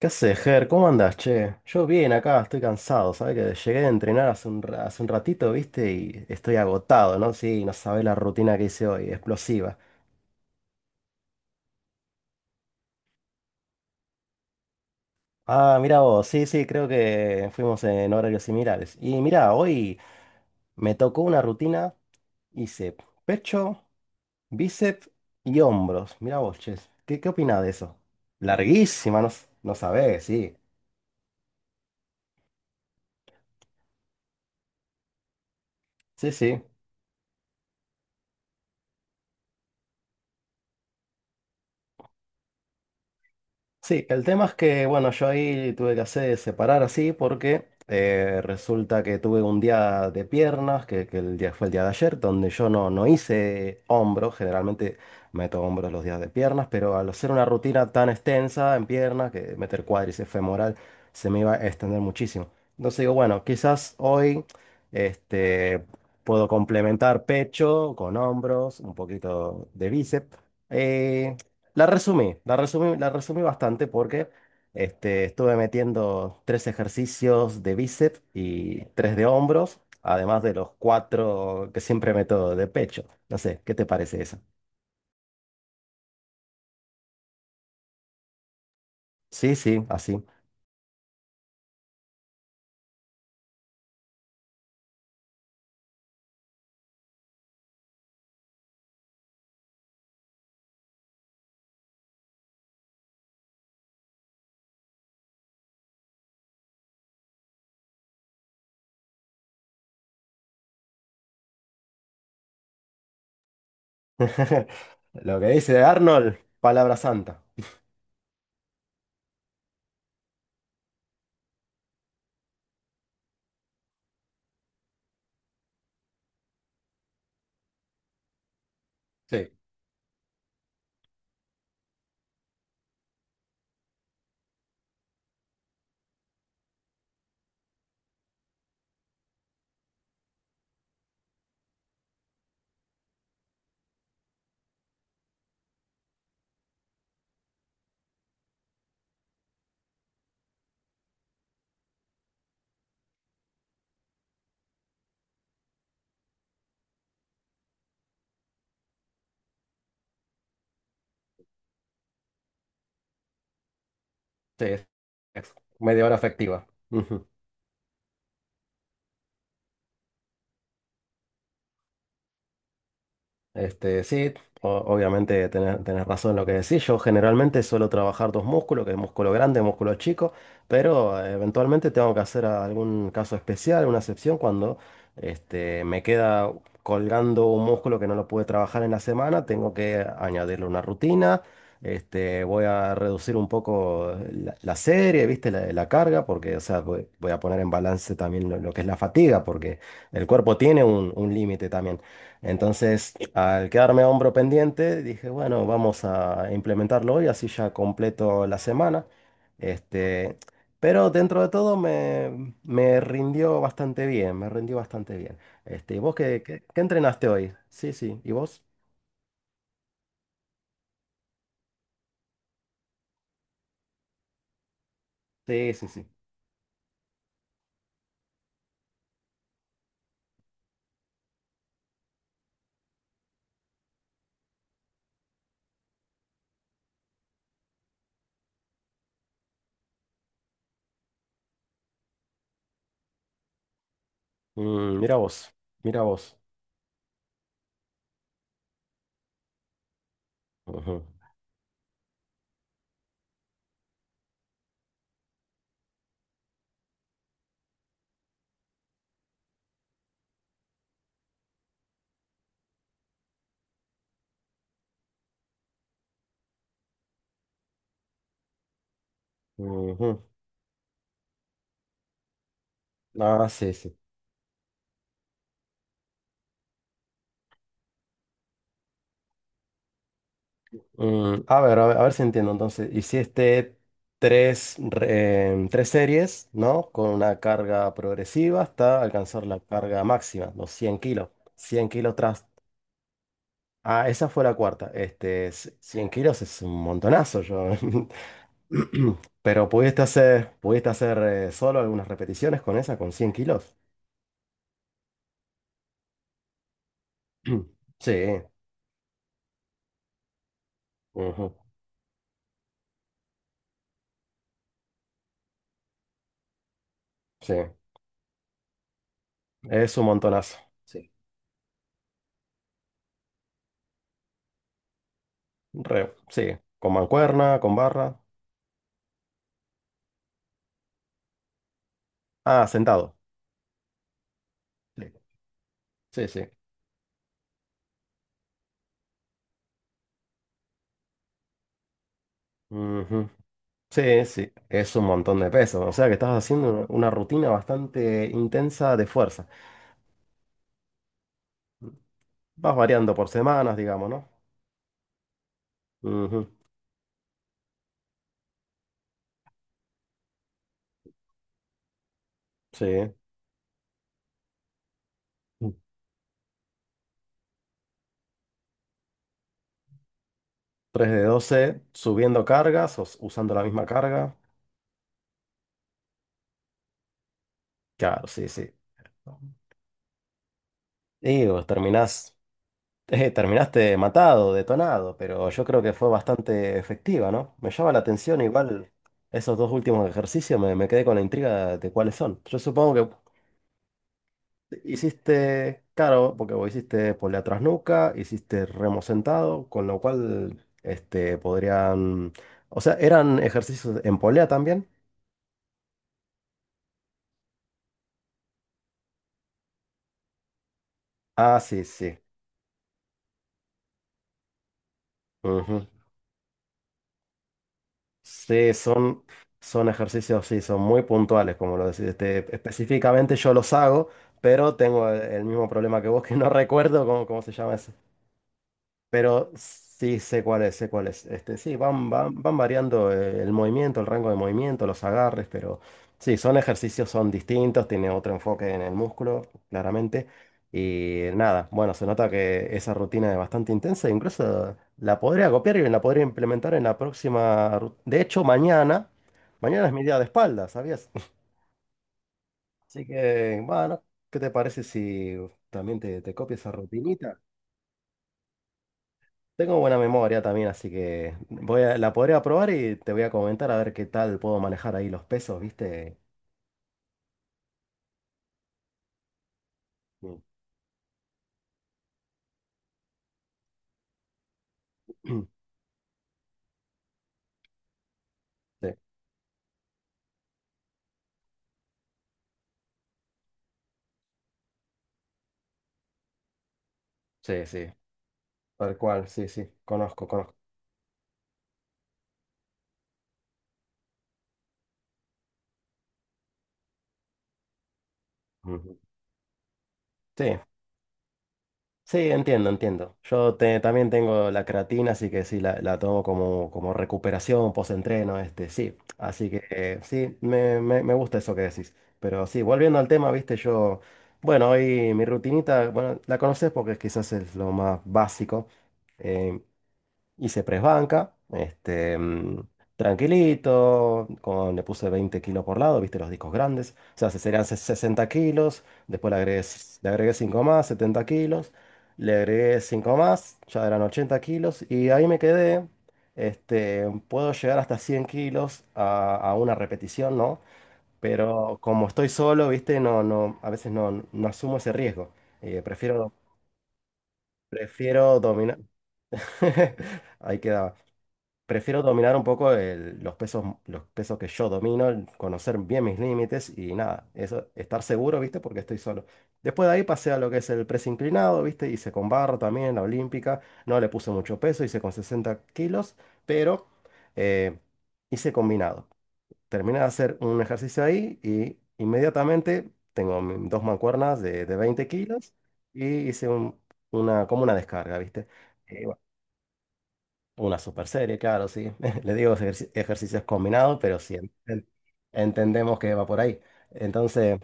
¿Qué haces, Ger? ¿Cómo andás, che? Yo bien acá, estoy cansado, ¿sabes? Que llegué a entrenar hace hace un ratito, ¿viste? Y estoy agotado, ¿no? Sí, no sabés la rutina que hice hoy, explosiva. Ah, mira vos, sí, sí, creo que fuimos en horarios similares. Y mira, hoy me tocó una rutina, hice pecho, bíceps y hombros. Mira vos, che, ¿qué opinás de eso? Larguísima, no, no sabés, sí. Sí, sí. Sí, el tema es que, bueno, yo ahí tuve que hacer separar así porque resulta que tuve un día de piernas, que el día fue el día de ayer, donde yo no hice hombros, generalmente meto hombros los días de piernas, pero al hacer una rutina tan extensa en piernas, que meter cuádriceps femoral, se me iba a extender muchísimo. Entonces digo, bueno, quizás hoy este, puedo complementar pecho con hombros, un poquito de bíceps. eh, la resumí bastante porque estuve metiendo tres ejercicios de bíceps y tres de hombros, además de los cuatro que siempre meto de pecho. No sé, ¿qué te parece eso? Sí, sí, así. Lo que dice Arnold, palabra santa. Sí, sí, es media hora efectiva. Este, sí, obviamente tenés razón en lo que decís. Yo generalmente suelo trabajar dos músculos, que es músculo grande, músculo chico, pero eventualmente tengo que hacer algún caso especial, una excepción, cuando me queda colgando un músculo que no lo pude trabajar en la semana, tengo que añadirle una rutina. Este, voy a reducir un poco la serie, ¿viste? La carga, porque, o sea, voy a poner en balance también lo que es la fatiga, porque el cuerpo tiene un límite también. Entonces, al quedarme a hombro pendiente, dije, bueno, vamos a implementarlo hoy, así ya completo la semana. Este, pero dentro de todo me rindió bastante bien, me rindió bastante bien. Este, ¿y vos qué, qué entrenaste hoy? Sí, sí. ¿Y vos? Sí, sí, sí. Mm, mira vos, mira vos. Ujú, ujú. Ah, sí, sí. Mm, a ver, a ver, a ver si entiendo. Entonces, hiciste tres series, ¿no? Con una carga progresiva hasta alcanzar la carga máxima, los 100 kilos. 100 kilos tras... Ah, esa fue la cuarta. Este, 100 kilos es un montonazo, yo. Pero pudiste hacer solo algunas repeticiones con esa, con 100 kilos. Sí, ujú, sí. Es un montonazo. Sí. Re, sí, con mancuerna, con barra. Ah, sentado. Sí. Sí, sí. Ujú. Sí, sí, es un montón de peso. O sea que estás haciendo una rutina bastante intensa de fuerza. Vas variando por semanas, digamos, ¿no? Ujú. Sí. Tres de 12 subiendo cargas o usando la misma carga. Claro, sí, sí. Digo, terminás, terminaste matado, detonado, pero yo creo que fue bastante efectiva, ¿no? Me llama la atención igual esos dos últimos ejercicios, me quedé con la intriga de cuáles son. Yo supongo que hiciste, claro, porque vos hiciste polea tras nuca, hiciste remo sentado, con lo cual este, podrían. O sea, ¿eran ejercicios en polea también? Ah, sí, sí. Ujú. Sí, son, son ejercicios, sí, son muy puntuales, como lo decís. Este, específicamente yo los hago, pero tengo el mismo problema que vos, que no recuerdo cómo, cómo se llama ese. Pero sí sé cuál es, sé cuál es. Este, sí, van, van, van variando el movimiento, el rango de movimiento, los agarres, pero sí, son ejercicios, son distintos, tiene otro enfoque en el músculo, claramente. Y nada, bueno, se nota que esa rutina es bastante intensa, e incluso la podría copiar y la podría implementar en la próxima. De hecho, mañana, mañana es mi día de espalda, ¿sabías? Así que, bueno, ¿qué te parece si también te copio esa rutinita? Tengo buena memoria también, así que voy a, la podré probar y te voy a comentar a ver qué tal puedo manejar ahí los pesos, ¿viste? Mm. Sí, sí, sí, tal cual, sí, sí, conozco, conozco. Ujú. Sí, sí, entiendo, entiendo. También tengo la creatina, así que sí, la tomo como, como recuperación, post-entreno, este, sí. Así que sí, me gusta eso que decís. Pero sí, volviendo al tema, ¿viste? Yo, bueno, hoy mi rutinita, bueno, la conoces porque quizás es lo más básico. Eh, Hice press banca, este, mm, tranquilito, con, le puse 20 kilos por lado, viste los discos grandes, o sea, serían 60 kilos, después le agregué, le agregué 5 más, 70 kilos, le agregué 5 más, ya eran 80 kilos, y ahí me quedé, este, puedo llegar hasta 100 kilos a una repetición, ¿no? Pero como estoy solo, viste, no, a veces no asumo ese riesgo, eh, prefiero, prefiero dominar, ahí quedaba. Prefiero dominar un poco los pesos que yo domino, el conocer bien mis límites y nada, eso, estar seguro, ¿viste? Porque estoy solo. Después de ahí pasé a lo que es el press inclinado, ¿viste? Hice con barra también, la olímpica, no le puse mucho peso, hice con 60 kilos, pero eh, hice combinado. Terminé de hacer un ejercicio ahí y inmediatamente tengo dos mancuernas de 20 kilos y hice una, como una descarga, ¿viste? Eh, una super serie, claro, sí. Le digo ejercicios combinados, pero sí, ent- entendemos que va por ahí. Entonces,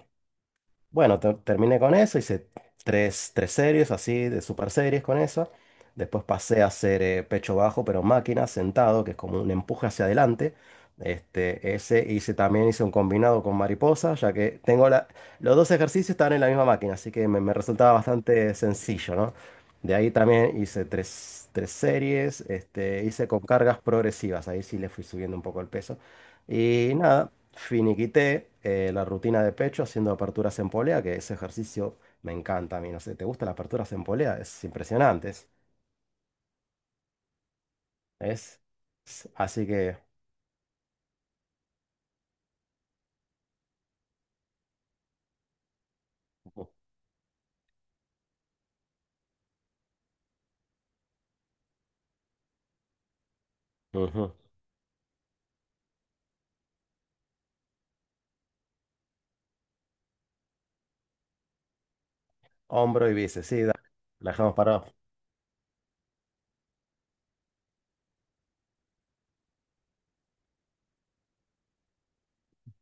bueno, terminé con eso, hice tres, tres series así, de super series con eso. Después pasé a hacer pecho bajo, pero máquina, sentado, que es como un empuje hacia adelante. Este, ese hice también, hice un combinado con mariposa, ya que tengo la, los dos ejercicios están en la misma máquina, así que me resultaba bastante sencillo, ¿no? De ahí también hice tres, tres series, este, hice con cargas progresivas, ahí sí le fui subiendo un poco el peso. Y nada, finiquité la rutina de pecho haciendo aperturas en polea, que ese ejercicio me encanta a mí. No sé, ¿te gustan las aperturas en polea? Es impresionante. Es- Así que, ujú. Hombro y bíceps, sí, dale. La dejamos parado.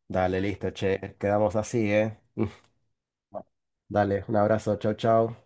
Dale, listo, che. Quedamos así, ¿eh? Dale, un abrazo, chau, chau.